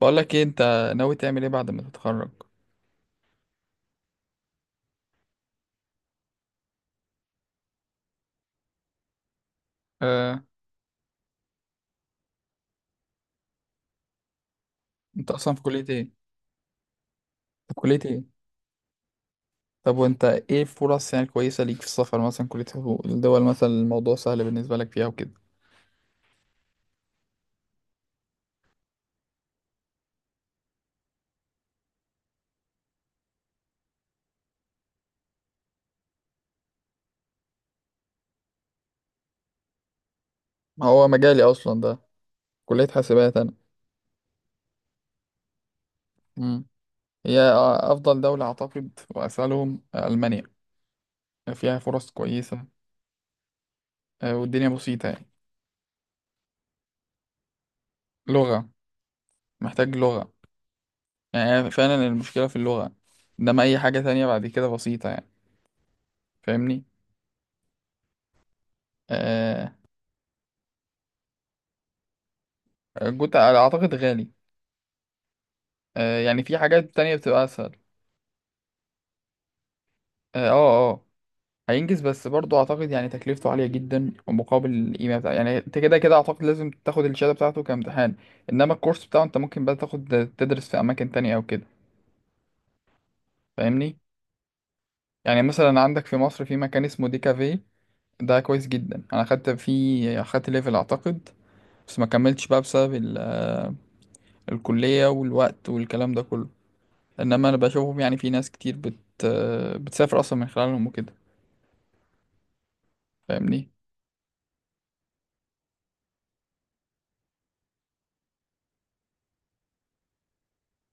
بقول لك ايه انت ناوي تعمل ايه بعد ما تتخرج؟ آه، انت اصلا في كلية ايه؟ في كلية ايه؟ طب وانت ايه فرص يعني كويسة ليك في السفر، مثلا كلية حقوق الدول مثلا الموضوع سهل بالنسبة لك فيها وكده؟ ما هو مجالي اصلا ده، كلية حاسبات انا. امم. هي افضل دولة اعتقد واسألهم المانيا، فيها فرص كويسة. والدنيا بسيطة يعني. لغة، محتاج لغة. يعني فعلا المشكلة في اللغة، انما اي حاجة تانية بعد كده بسيطة يعني. فاهمني؟ آه، الجوت اعتقد غالي. يعني في حاجات تانية بتبقى أسهل. اه، اه، هينجز بس برضه أعتقد يعني تكلفته عالية جدا، ومقابل القيمة بتاعه يعني أنت كده كده أعتقد لازم تاخد الشهادة بتاعته كامتحان. إنما الكورس بتاعه أنت ممكن بقى تاخد تدرس في أماكن تانية أو كده. فاهمني؟ يعني مثلا عندك في مصر في مكان اسمه دي كافيه، ده كويس جدا، أنا خدت فيه، خدت ليفل أعتقد، بس ما كملتش بقى بسبب الكلية والوقت والكلام ده كله. إنما أنا بشوفهم، يعني في ناس كتير بت آه، بتسافر أصلا من خلالهم وكده. فاهمني؟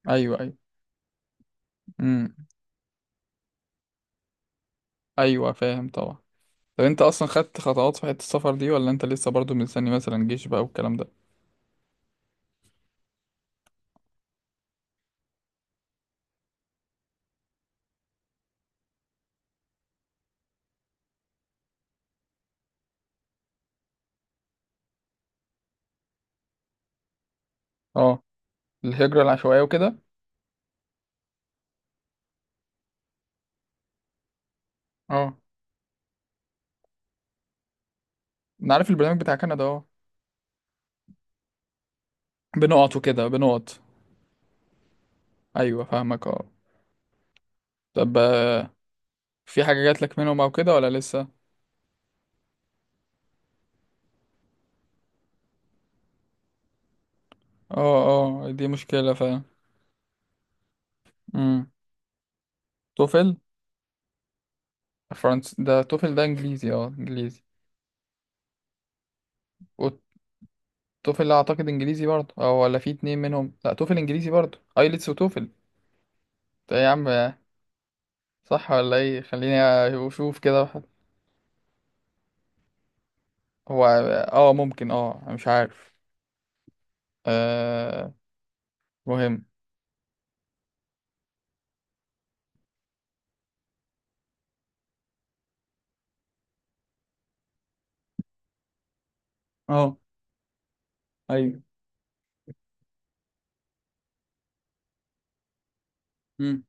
أيوه، أيوه. امم. ايوه فاهم طبعا. طب انت اصلا خدت خطوات في حته السفر دي، ولا انت لسه برضو مستني مثلا جيش بقى والكلام ده؟ اه، الهجره العشوائيه وكده. اه، انا عارف البرنامج بتاع كندا، اه. بنقط وكده، بنقط. ايوه فاهمك اه. طب في حاجه جات لك منهم او كده، ولا لسه؟ اه. اه، دي مشكله فعلا. امم. توفل؟ فرنس ده، توفل ده انجليزي، اه انجليزي. والتوفل اعتقد انجليزي برضه، او ولا في اتنين منهم؟ لا، توفل انجليزي برضه، ايلتس وتوفل. ده يا عم. صح ولا ايه؟ خليني اشوف كده واحد. هو. اه ممكن، اه أنا مش عارف. آه. مهم. اه. ايوه. مم.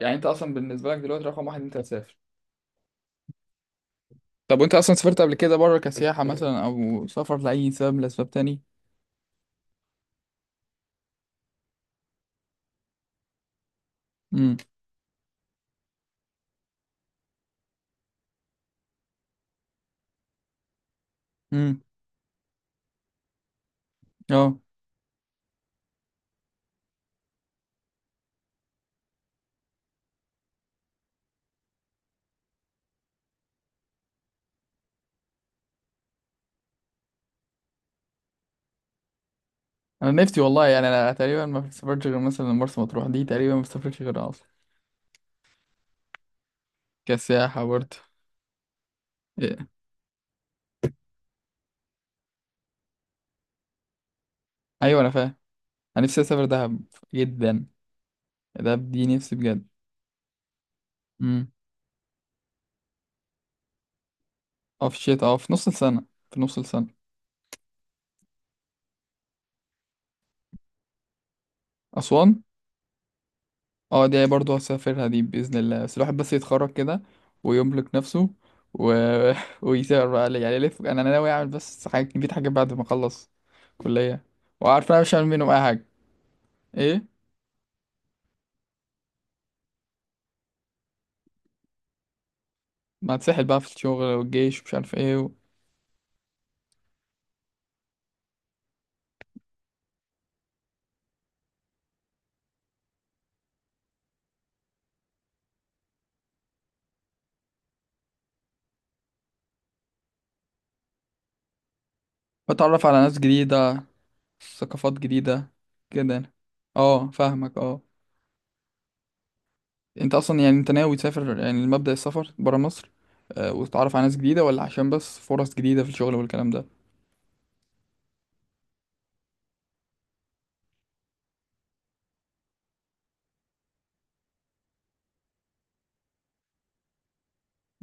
يعني انت اصلا بالنسبه لك دلوقتي رقم واحد إن انت هتسافر؟ طب وانت اصلا سافرت قبل كده بره كسياحه مثلا، او سافر لاي سبب من اسباب تاني؟ امم. امم. اه. انا نفسي والله، يعني انا تقريبا ما سافرتش غير مثلا مرسى مطروح، دي تقريبا ما سافرتش غيرها اصلا. كسياحه برضه. إيه. ايوه انا فاهم. انا نفسي اسافر دهب جدا، دهب دي نفسي بجد. اه في الشتاء، اه في نص السنة، في نص السنة. أسوان. اه، دي برضه هسافرها دي بإذن الله، بس الواحد بس يتخرج كده ويملك نفسه و... ويسافر بقى، يعني يلف. أنا ناوي أعمل بس حاجة كبيرة، حاجات بعد ما أخلص كلية. وعارف أنا مش هعمل منهم أي حاجة. إيه؟ ما هتسحل بقى في الشغل والجيش ومش عارف إيه و... وأتعرف على ناس جديدة، ثقافات جديدة، كده يعني. اه فاهمك اه. انت اصلا يعني انت ناوي تسافر، يعني مبدأ السفر برا مصر وتتعرف على ناس جديدة، ولا عشان بس فرص جديدة في الشغل والكلام ده؟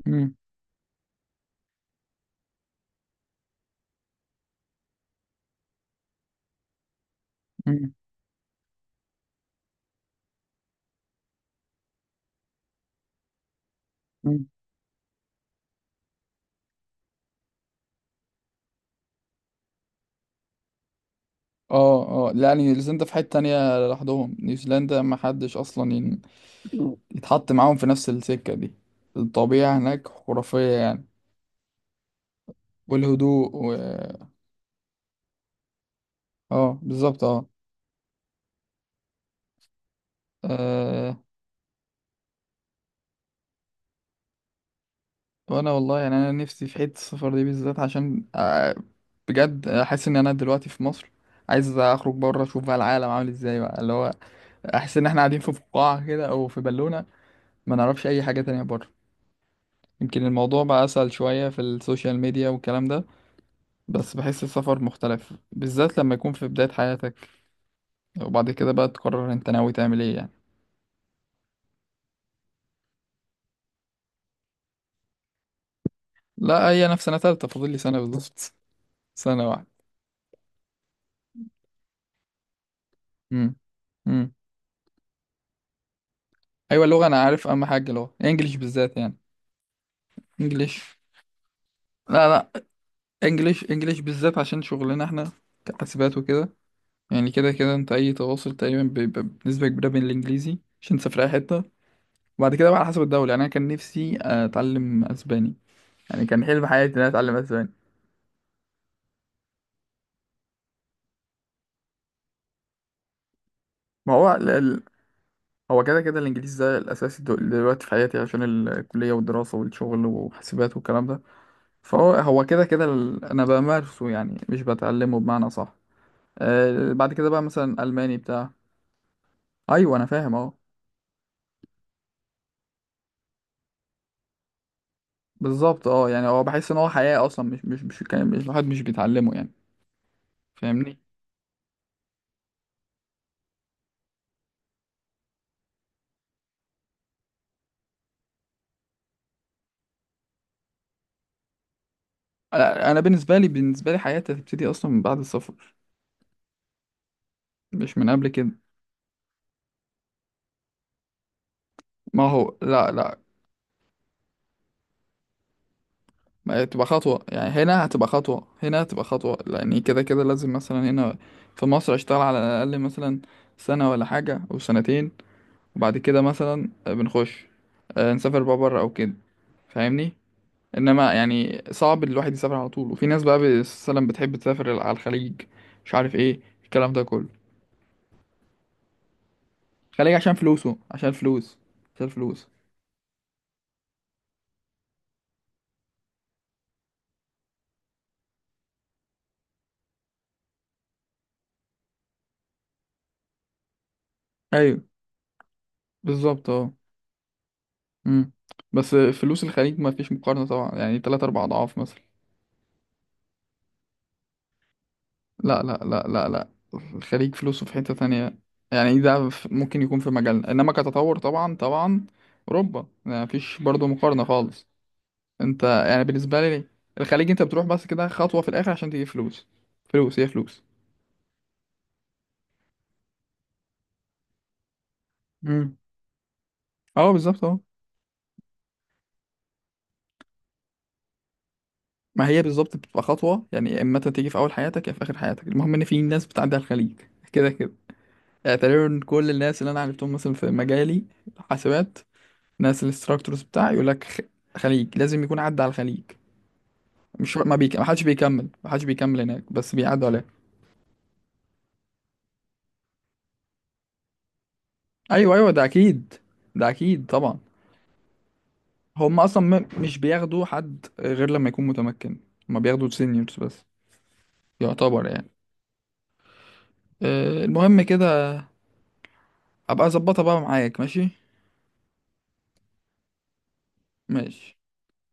مم. مم. مم. اه، اه، لا يعني نيوزيلندا في حتة تانية لوحدهم، نيوزيلندا ما حدش اصلا يتحط معاهم في نفس السكة دي. الطبيعة هناك خرافية يعني. والهدوء و... اه بالظبط اه. آه، وانا والله يعني انا نفسي في حتة السفر دي بالذات عشان بجد احس ان انا دلوقتي في مصر، عايز اخرج بره اشوف بقى العالم عامل ازاي بقى، اللي هو احس ان احنا قاعدين في فقاعة كده او في بالونة، ما نعرفش اي حاجة تانية بره. يمكن الموضوع بقى اسهل شوية في السوشيال ميديا والكلام ده، بس بحس السفر مختلف بالذات لما يكون في بداية حياتك، وبعد كده بقى تقرر انت ناوي تعمل ايه يعني. لا، هي انا في سنة تالتة، فاضل لي سنة بالظبط. سنة واحدة. امم. امم. ايوه اللغة، انا عارف اهم حاجة اللغة، انجليش بالذات يعني. انجليش. لا لا، انجليش، انجليش بالذات عشان شغلنا احنا كحاسبات وكده. يعني كده كده انت اي تواصل تقريبا بيبقى بنسبة كبيرة بين الانجليزي، عشان تسافر اي حتة. وبعد كده بقى على حسب الدولة، يعني انا كان نفسي اتعلم اسباني، يعني كان حلم حياتي ان انا اتعلم اسباني. ما هو هو كده كده الانجليزي ده الاساسي دلوقتي في حياتي عشان الكلية والدراسة والشغل وحاسبات والكلام ده. فهو هو كده كده ال-، انا بمارسه يعني مش بتعلمه بمعنى صح. آه بعد كده بقى مثلا الماني بتاع. ايوه انا فاهم اه. بالظبط اه، يعني هو بحس ان هو حياة اصلا، مش الواحد مش بيتعلمه يعني. فاهمني؟ أنا بالنسبه لي، بالنسبه لي حياتي هتبتدي اصلا من بعد السفر، مش من قبل كده. ما هو لا لا. ما هي تبقى خطوه يعني، هنا هتبقى خطوه، هنا هتبقى خطوه، لاني كده كده لازم مثلا هنا في مصر اشتغل على الاقل مثلا سنه ولا حاجه او سنتين، وبعد كده مثلا بنخش نسافر بقى بره او كده. فاهمني؟ انما يعني صعب الواحد يسافر على طول. وفي ناس بقى مثلا بتحب تسافر على الخليج، مش عارف ايه، الكلام ده كله. الخليج عشان فلوسه، عشان فلوس، عشان فلوس. أيوه. بالظبط اه. مم. بس فلوس الخليج ما فيش مقارنة طبعا، يعني تلات أربع أضعاف مثلا. لا لا لا لا لا، الخليج فلوسه في حتة تانية، يعني ده ف- ممكن يكون في مجالنا، إنما كتطور طبعا طبعا أوروبا ما فيش برضه مقارنة خالص. أنت يعني بالنسبة لي الخليج أنت بتروح بس كده خطوة في الآخر عشان تجيب فلوس. فلوس هي فلوس. مم. اه بالظبط اه. ما هي بالظبط بتبقى خطوة يعني، يا إما أنت تيجي في أول حياتك، يا في آخر حياتك، المهم إن في ناس بتعدي على الخليج كده كده. يعني تقريبا كل الناس اللي انا عرفتهم مثلا في مجالي، حاسبات، ناس الانستراكتورز بتاعي يقول لك خليج لازم يكون عدى على الخليج. مش ما بيك... ما حدش بيكمل، ما حدش بيكمل هناك، بس بيعدوا عليه. ايوه ايوه ده اكيد، ده اكيد طبعا. هم اصلا مش بياخدوا حد غير لما يكون متمكن، هم بياخدوا سينيورز بس، يعتبر يعني. أه المهم كده. ابقى اظبطها بقى معاك. ماشي. ماشي.